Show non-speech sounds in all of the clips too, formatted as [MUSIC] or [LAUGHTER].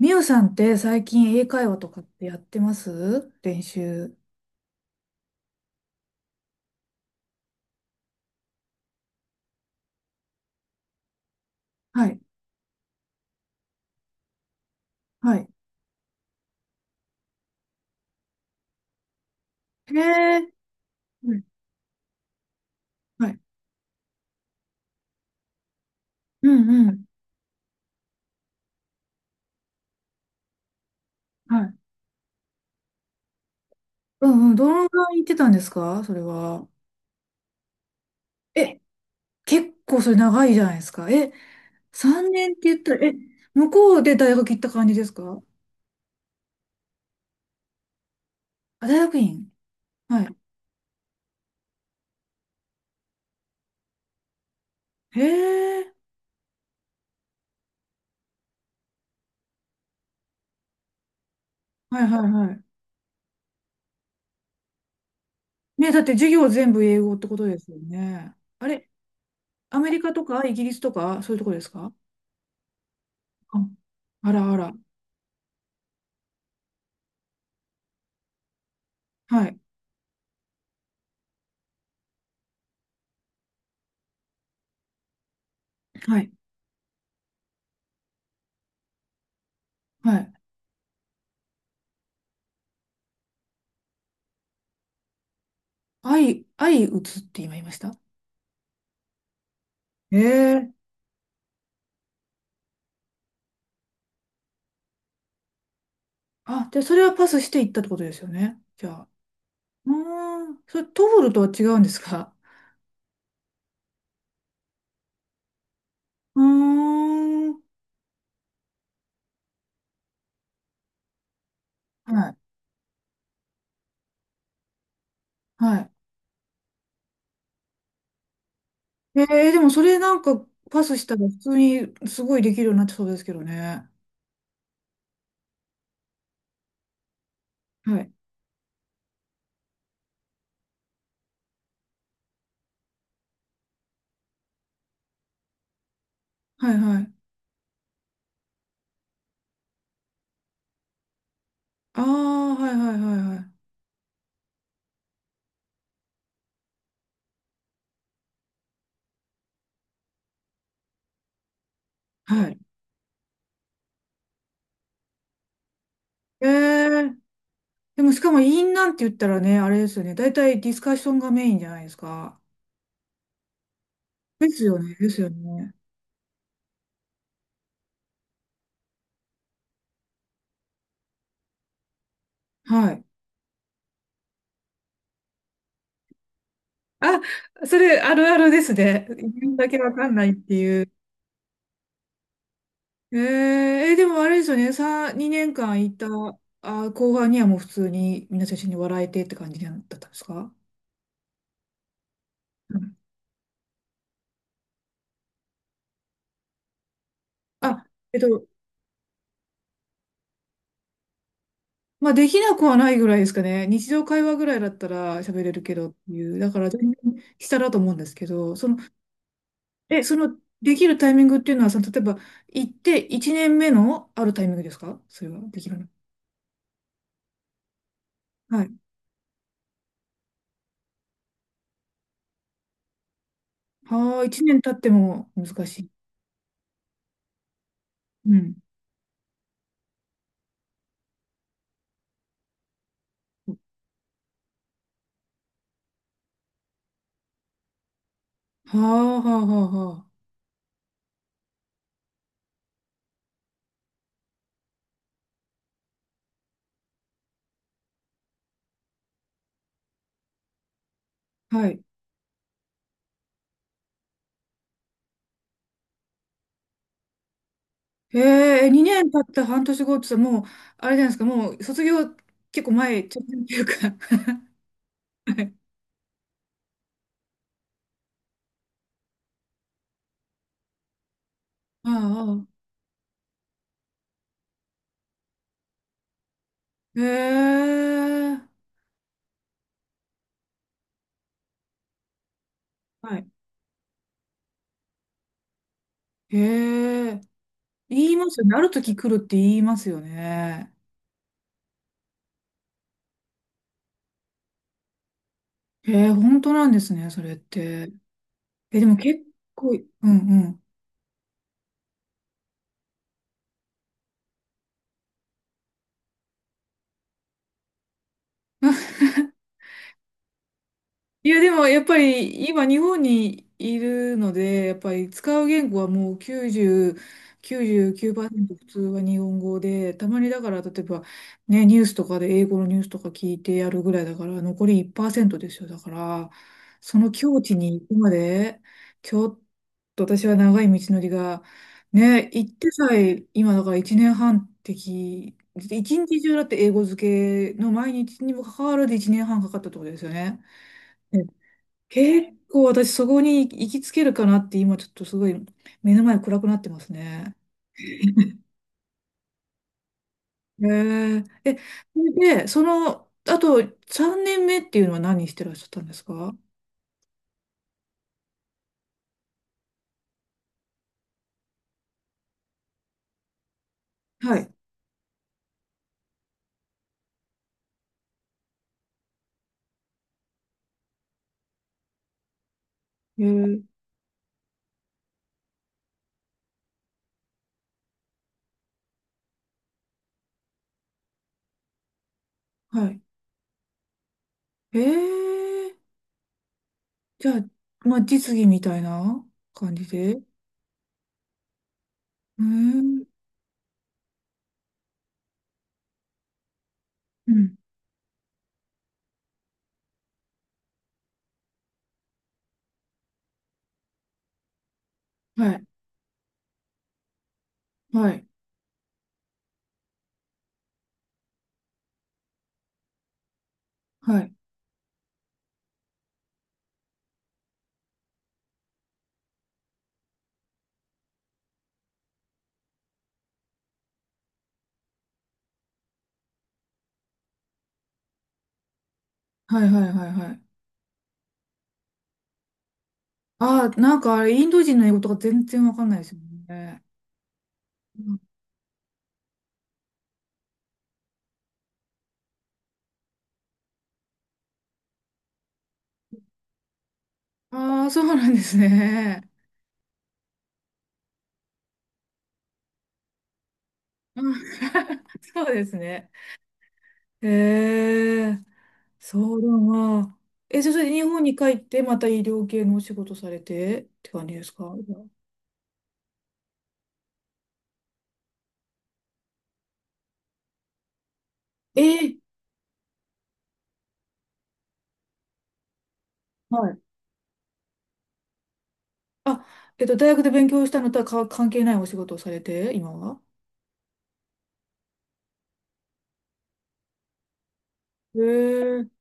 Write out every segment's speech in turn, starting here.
みゆさんって最近英会話とかってやってます、練習。はい。はい。へえ。うん、はい。うんうん。はい。うんうん。どのぐらい行ってたんですか、それは。え、結構それ長いじゃないですか。え、3年って言ったら、え、向こうで大学行った感じですか？あ、大学院。はい。へえ。はいはいはい。ね、だって授業全部英語ってことですよね。あれ、アメリカとかイギリスとかそういうとこですか？あ、あらあら。はい。はい。はい。相、相打つって今言いました？ええ。あ、で、それはパスしていったってことですよね、じゃあ。うーん。それ、トフルとは違うんですか？うーん。はい。はい。えー、でもそれなんかパスしたら普通にすごいできるようになってそうですけどね。はい。はいはい。ああ、はいはいはいはい。はい。えー、でもしかもインなんて言ったらね、あれですよね。大体ディスカッションがメインじゃないですか。ですよね。ですよね。はい。あ、それあるあるですね。自分だけわかんないっていう。えー、え、でもあれですよね。さ、2年間いた、あ、後半にはもう普通に皆さん一緒に笑えてって感じだったんですか？うん。あ、えっと、まあ、できなくはないぐらいですかね。日常会話ぐらいだったら喋れるけどっていう。だから全然下だと思うんですけど、その、え、その、できるタイミングっていうのは、その、例えば、行って1年目のあるタイミングですか、それはできるの。はい。はあ、1年経っても難しい。うん。はあ、はあ、はあ、はあ。はい。ええ、2年経った半年後ってさ、もう、あれじゃないですか、もう卒業結構前、直前っていうか。[LAUGHS] はい。ああ、へえ。はい。へえ。言いますよね。ある時来るって言いますよね。へえ、本当なんですね、それって。え、でも結構、うんうん。いや、でもやっぱり今日本にいるので、やっぱり使う言語はもう9セ9ト普通は日本語で、たまにだから例えばね、ニュースとかで英語のニュースとか聞いてやるぐらいだから、残り1%ですよ。だから、その境地に行くまで、ちょっと私は長い道のりが、ね、行ってさえ今だから1年半的、一日中だって英語漬けの毎日にもかかわらず1年半かかったってことですよね。結構私そこに行きつけるかなって、今ちょっとすごい目の前暗くなってますね。へえ。え、それで、その、あと3年目っていうのは何してらっしゃったんですか？はい。へえ。はい。へえ。じゃあ、まあ実技みたいな感じで。へえ。うん。はい。はい。はい。はいはいはいはい。ああ、なんかあれ、インド人の英語とか全然わかんないですよね。ああー、そうなんですね。うん [LAUGHS] そうですね。へえ、そうだな。え、じゃあそれで日本に帰って、また医療系のお仕事されてって感じですか？えー、はい。あ、大学で勉強したのとはか関係ないお仕事をされて、今は？へえ。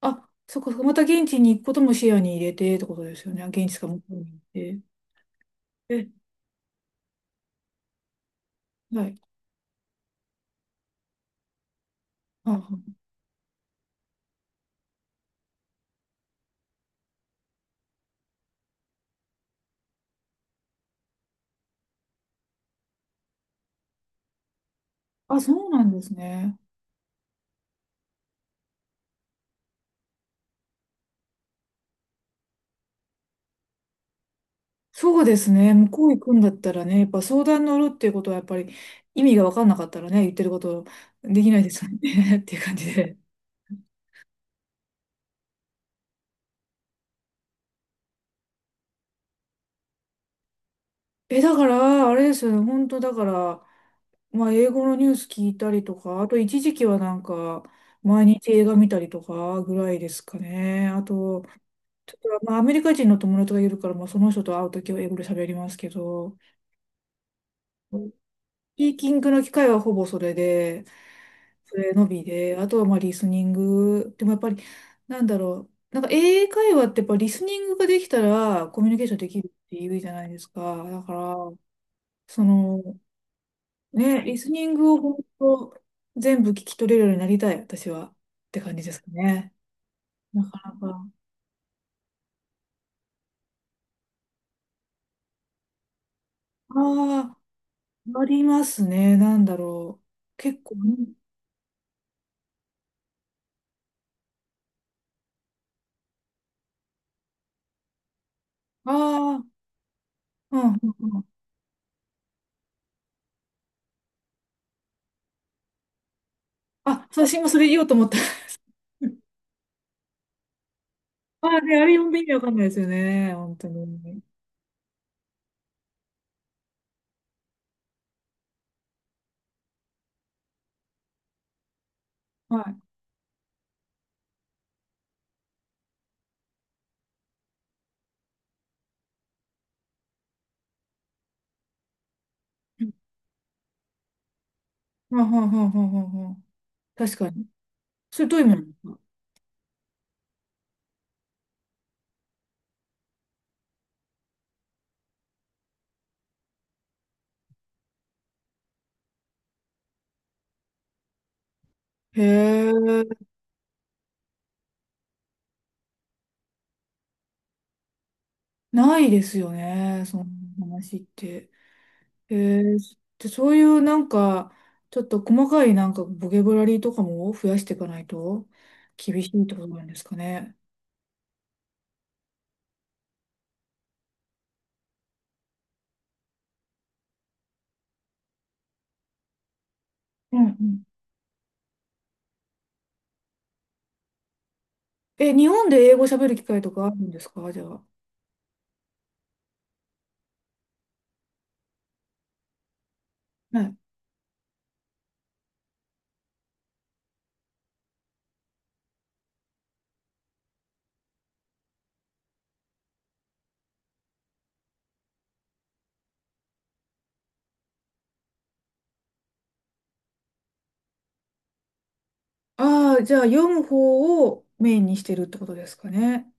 あ、そっかそっか、また現地に行くことも視野に入れてってことですよね。現地か向こうに行って。え、はい。あ、あ、そうなんですね。そうですね。向こう行くんだったらね、やっぱ相談乗るっていうことはやっぱり意味が分かんなかったらね、言ってることできないですよね [LAUGHS] っていう感じで。え、だから、あれですよね。本当だから、まあ英語のニュース聞いたりとか、あと一時期はなんか、毎日映画見たりとかぐらいですかね。あと、ちょっとまあアメリカ人の友達がいるから、まあその人と会うときは英語で喋りますけど。スピーキングの機会はほぼそれで、それのみで、あとはまあリスニング。でもやっぱり、なんだろう。英会話ってやっぱリスニングができたらコミュニケーションできるって言うじゃないですか。だから、その、ね、リスニングを本当全部聞き取れるようになりたい、私は。って感じですかね。なかなか。ああ、ありますね。なんだろう。結構、ああー、うん、うん、うん。あ、そう私今それ言おうと思った。[LAUGHS] ああ、ね、あれ読んで意味わかんないですよね、本当に。はい。はははははは、確かに。それどういう意味なんですか？へえ、ないですよね、その話って。へえ、で、そういうなんかちょっと細かいなんかボキャブラリーとかも増やしていかないと厳しいってことなんですかね。うんうん。え、日本で英語喋る機会とかあるんですか、じゃあ。はい。ああ、じゃあ読む方をメインにしてるってことですかね。